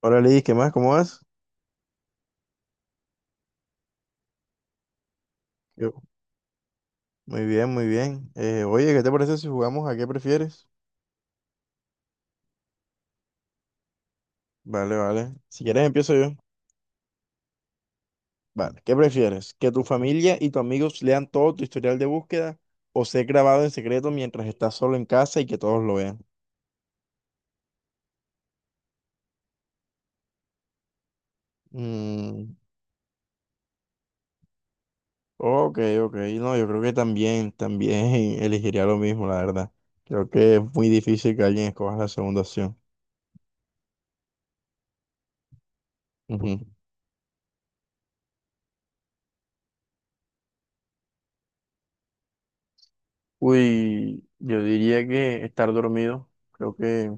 Hola Lidis, ¿qué más? ¿Cómo vas? Yo- Muy bien, muy bien. Oye, ¿qué te parece si jugamos a qué prefieres? Vale, vale. Si quieres empiezo yo. Vale, ¿qué prefieres? ¿Que tu familia y tus amigos lean todo tu historial de búsqueda o ser grabado en secreto mientras estás solo en casa y que todos lo vean? Mm, ok, ok. No, yo creo que también elegiría lo mismo, la verdad. Creo que es muy difícil que alguien escoja la segunda opción. Ujú. Uy, yo diría que estar dormido. Creo que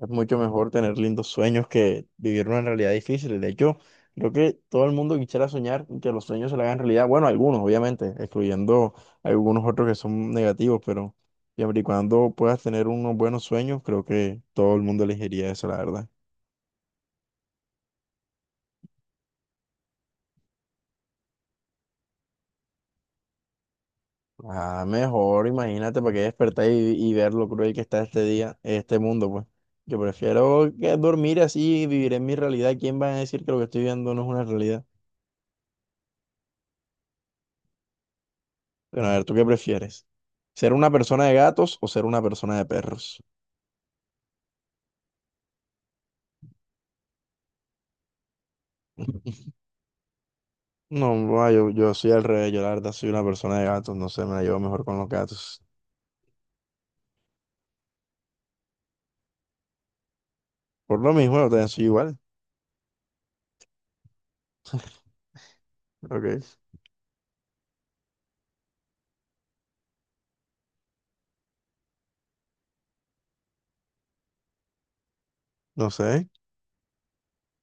es mucho mejor tener lindos sueños que vivir una realidad difícil. De hecho, creo que todo el mundo quisiera soñar y que los sueños se le hagan realidad. Bueno, algunos, obviamente, excluyendo algunos otros que son negativos, pero siempre y cuando puedas tener unos buenos sueños, creo que todo el mundo elegiría eso, la verdad. Ah, mejor, imagínate para que despertar y ver lo cruel que está este día, este mundo, pues. Yo prefiero que dormir así y vivir en mi realidad. ¿Quién va a decir que lo que estoy viendo no es una realidad? Bueno, a ver, ¿tú qué prefieres? ¿Ser una persona de gatos o ser una persona de perros? No, no, yo soy al revés, yo la verdad soy una persona de gatos, no sé, me la llevo mejor con los gatos. Por lo mismo, yo también soy igual, ok, no sé.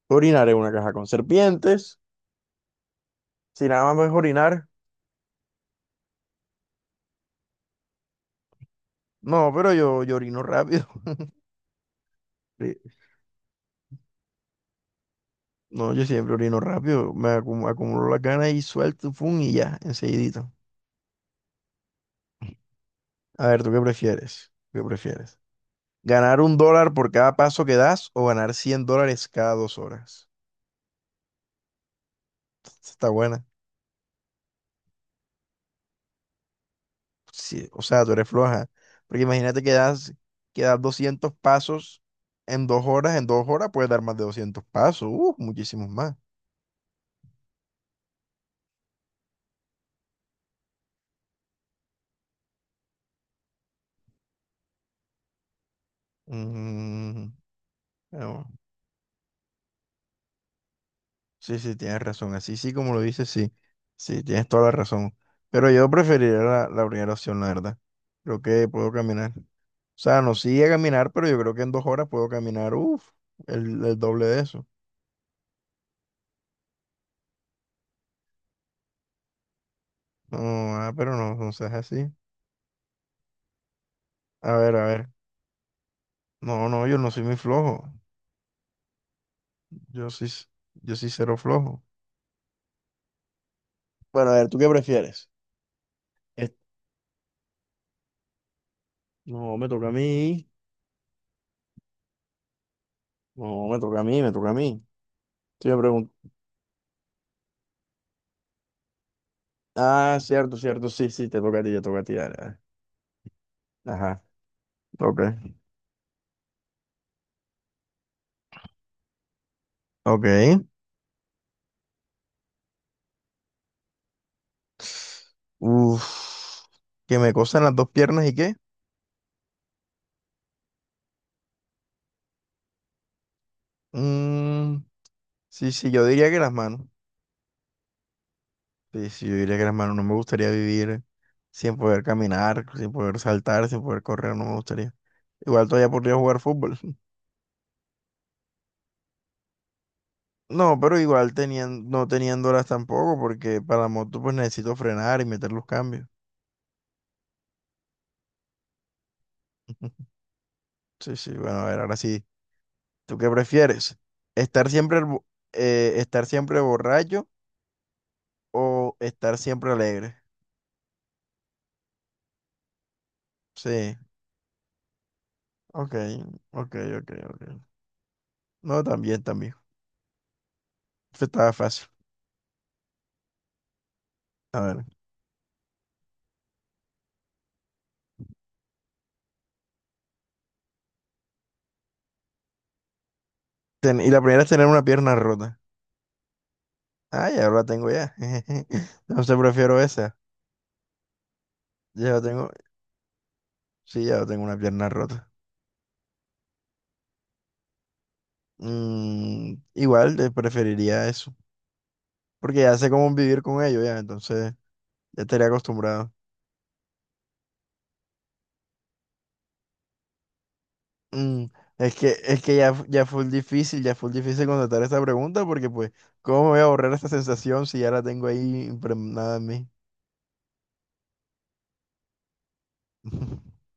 Orinar en una caja con serpientes, si nada más es orinar. No, pero yo orino rápido. Sí. No, yo siempre orino rápido, me acumulo las ganas y suelto, pum, y ya, enseguidito. A ver, ¿tú qué prefieres? ¿Qué prefieres? ¿Ganar $1 por cada paso que das o ganar $100 cada 2 horas? Esta Está buena. Sí, o sea, tú eres floja. Porque imagínate que das 200 pasos en 2 horas. En dos horas puedes dar más de 200 pasos. Muchísimos más. Mm, bueno, sí, sí, tienes razón. Así sí, como lo dices, sí. Sí, tienes toda la razón. Pero yo preferiría la primera opción, la verdad. Creo que puedo caminar. O sea, no sigue a caminar, pero yo creo que en 2 horas puedo caminar, uff, el doble de eso. No, pero no, no seas así. A ver, a ver. No, no, yo no soy muy flojo. Yo sí, yo sí cero flojo. Bueno, a ver, ¿tú qué prefieres? Es- No, me toca a mí. No, me toca a mí, me toca a mí. Sí, me pregunto. Ah, cierto, cierto. Sí, sí, te toca a ti, te toca a ti. Dale, dale. Ajá. Ok. Ok. Uf. Que me cosan las dos piernas y qué. Mm, sí, sí, yo diría que las manos. Sí, sí, yo diría que las manos no me gustaría vivir sin poder caminar, sin poder saltar, sin poder correr, no me gustaría. Igual todavía podría jugar fútbol. No, pero igual teniendo, no teniéndolas tampoco, porque para la moto pues necesito frenar y meter los cambios. Sí, sí, bueno, a ver, ahora sí. ¿Tú qué prefieres? ¿Estar siempre, estar siempre borracho o estar siempre alegre? Sí, ok, ok, ok, ok. No, también, también. Esto estaba fácil. A ver. Y la primera es tener una pierna rota. Ah, ya la tengo ya. No sé, prefiero esa. Ya la tengo. Sí, ya la tengo una pierna rota. Igual preferiría eso. Porque ya sé cómo vivir con ello ya. Entonces ya estaría acostumbrado. Mm, es que ya, ya fue difícil contestar esta pregunta porque pues, ¿cómo me voy a borrar esta sensación si ya la tengo ahí impregnada en mí?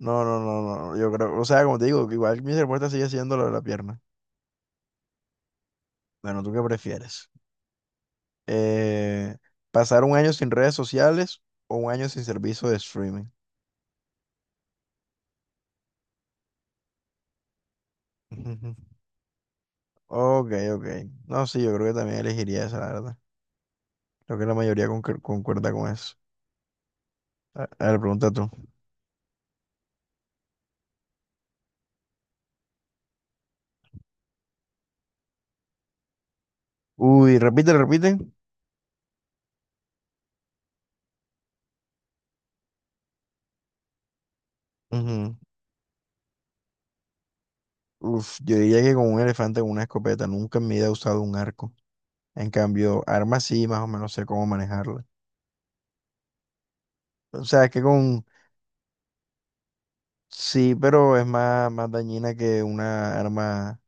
No, no, no, no. Yo creo, o sea, como te digo, igual mi respuesta sigue siendo la de la pierna. Bueno, ¿tú qué prefieres? eh, Pasar un año sin redes sociales o un año sin servicio de streaming. Ujú. Ok, ok. No, sí, yo creo que también elegiría esa, la verdad. Creo que la mayoría concuerda con eso. A ver, pregunta tú. Uy, repite, repite. Ujú. Uf, yo diría que con un elefante con una escopeta. Nunca en mi vida he usado un arco. En cambio, armas sí, más o menos sé cómo manejarla. O sea, es que con... Sí, pero es más, más dañina que una arma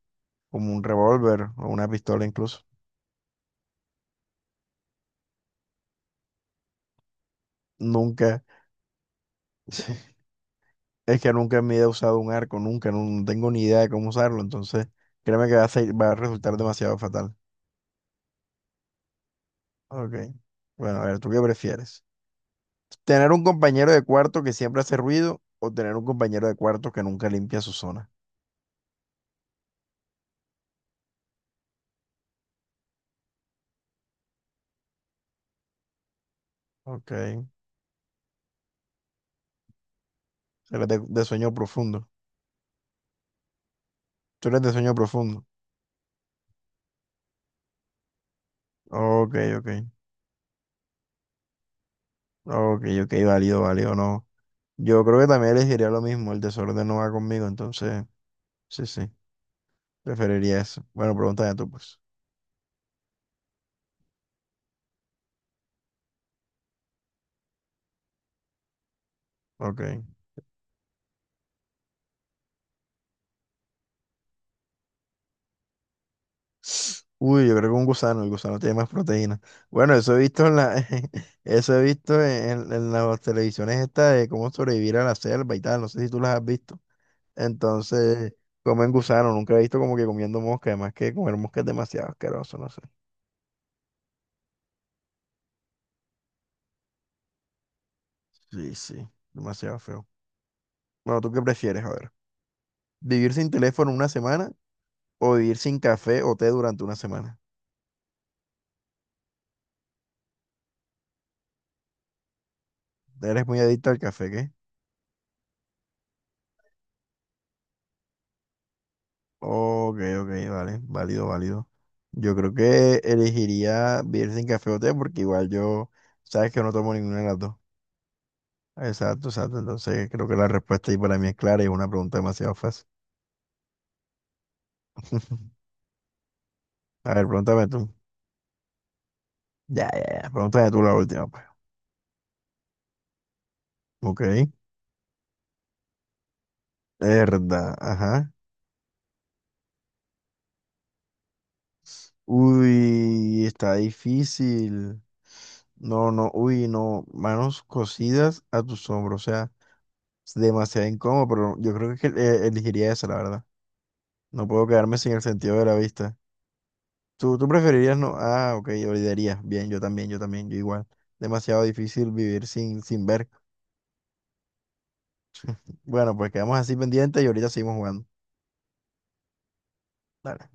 como un revólver o una pistola incluso. Nunca. Sí. Es que nunca en mi vida he usado un arco, nunca, no, no tengo ni idea de cómo usarlo, entonces créeme que va a resultar demasiado fatal. Ok. Bueno, a ver, ¿tú qué prefieres? ¿Tener un compañero de cuarto que siempre hace ruido o tener un compañero de cuarto que nunca limpia su zona? Ok. Eres de sueño profundo. Tú eres de sueño profundo. Ok, ok. Ok, ok, válido, válido, no. Yo creo que también elegiría lo mismo, el desorden no va conmigo, entonces, sí, sí, preferiría eso. Bueno, pregúntame tú, pues. Ok. Uy, yo creo que un gusano, el gusano tiene más proteína. Bueno, eso he visto en la, eso he visto en las televisiones estas de cómo sobrevivir a la selva y tal, no sé si tú las has visto. Entonces, comen gusano, nunca he visto como que comiendo mosca, además que comer mosca es demasiado asqueroso, no sé. Sí, sí, demasiado feo. Bueno, ¿tú qué prefieres? A ver, ¿vivir sin teléfono una semana o vivir sin café o té durante una semana? Eres muy adicto al café, ¿qué? Ok, ok, vale, válido, válido. Yo creo que elegiría vivir sin café o té porque igual yo, sabes que no tomo ninguna de las dos. Exacto, exacto. Entonces creo que la respuesta ahí para mí es clara y es una pregunta demasiado fácil. A ver, pregúntame tú. Ya, ya, ya. Pregúntame tú la última, pues. Ok. Verdad, ajá. Uy, está difícil. No, no, uy, no. Manos cosidas a tus hombros. O sea, es demasiado incómodo, pero yo creo que elegiría esa, la verdad. No puedo quedarme sin el sentido de la vista. ¿Tú preferirías no? Ah, ok, olvidarías. Bien, yo también, yo también, yo igual. Demasiado difícil vivir sin, sin ver. Bueno, pues quedamos así pendientes y ahorita seguimos jugando. Dale.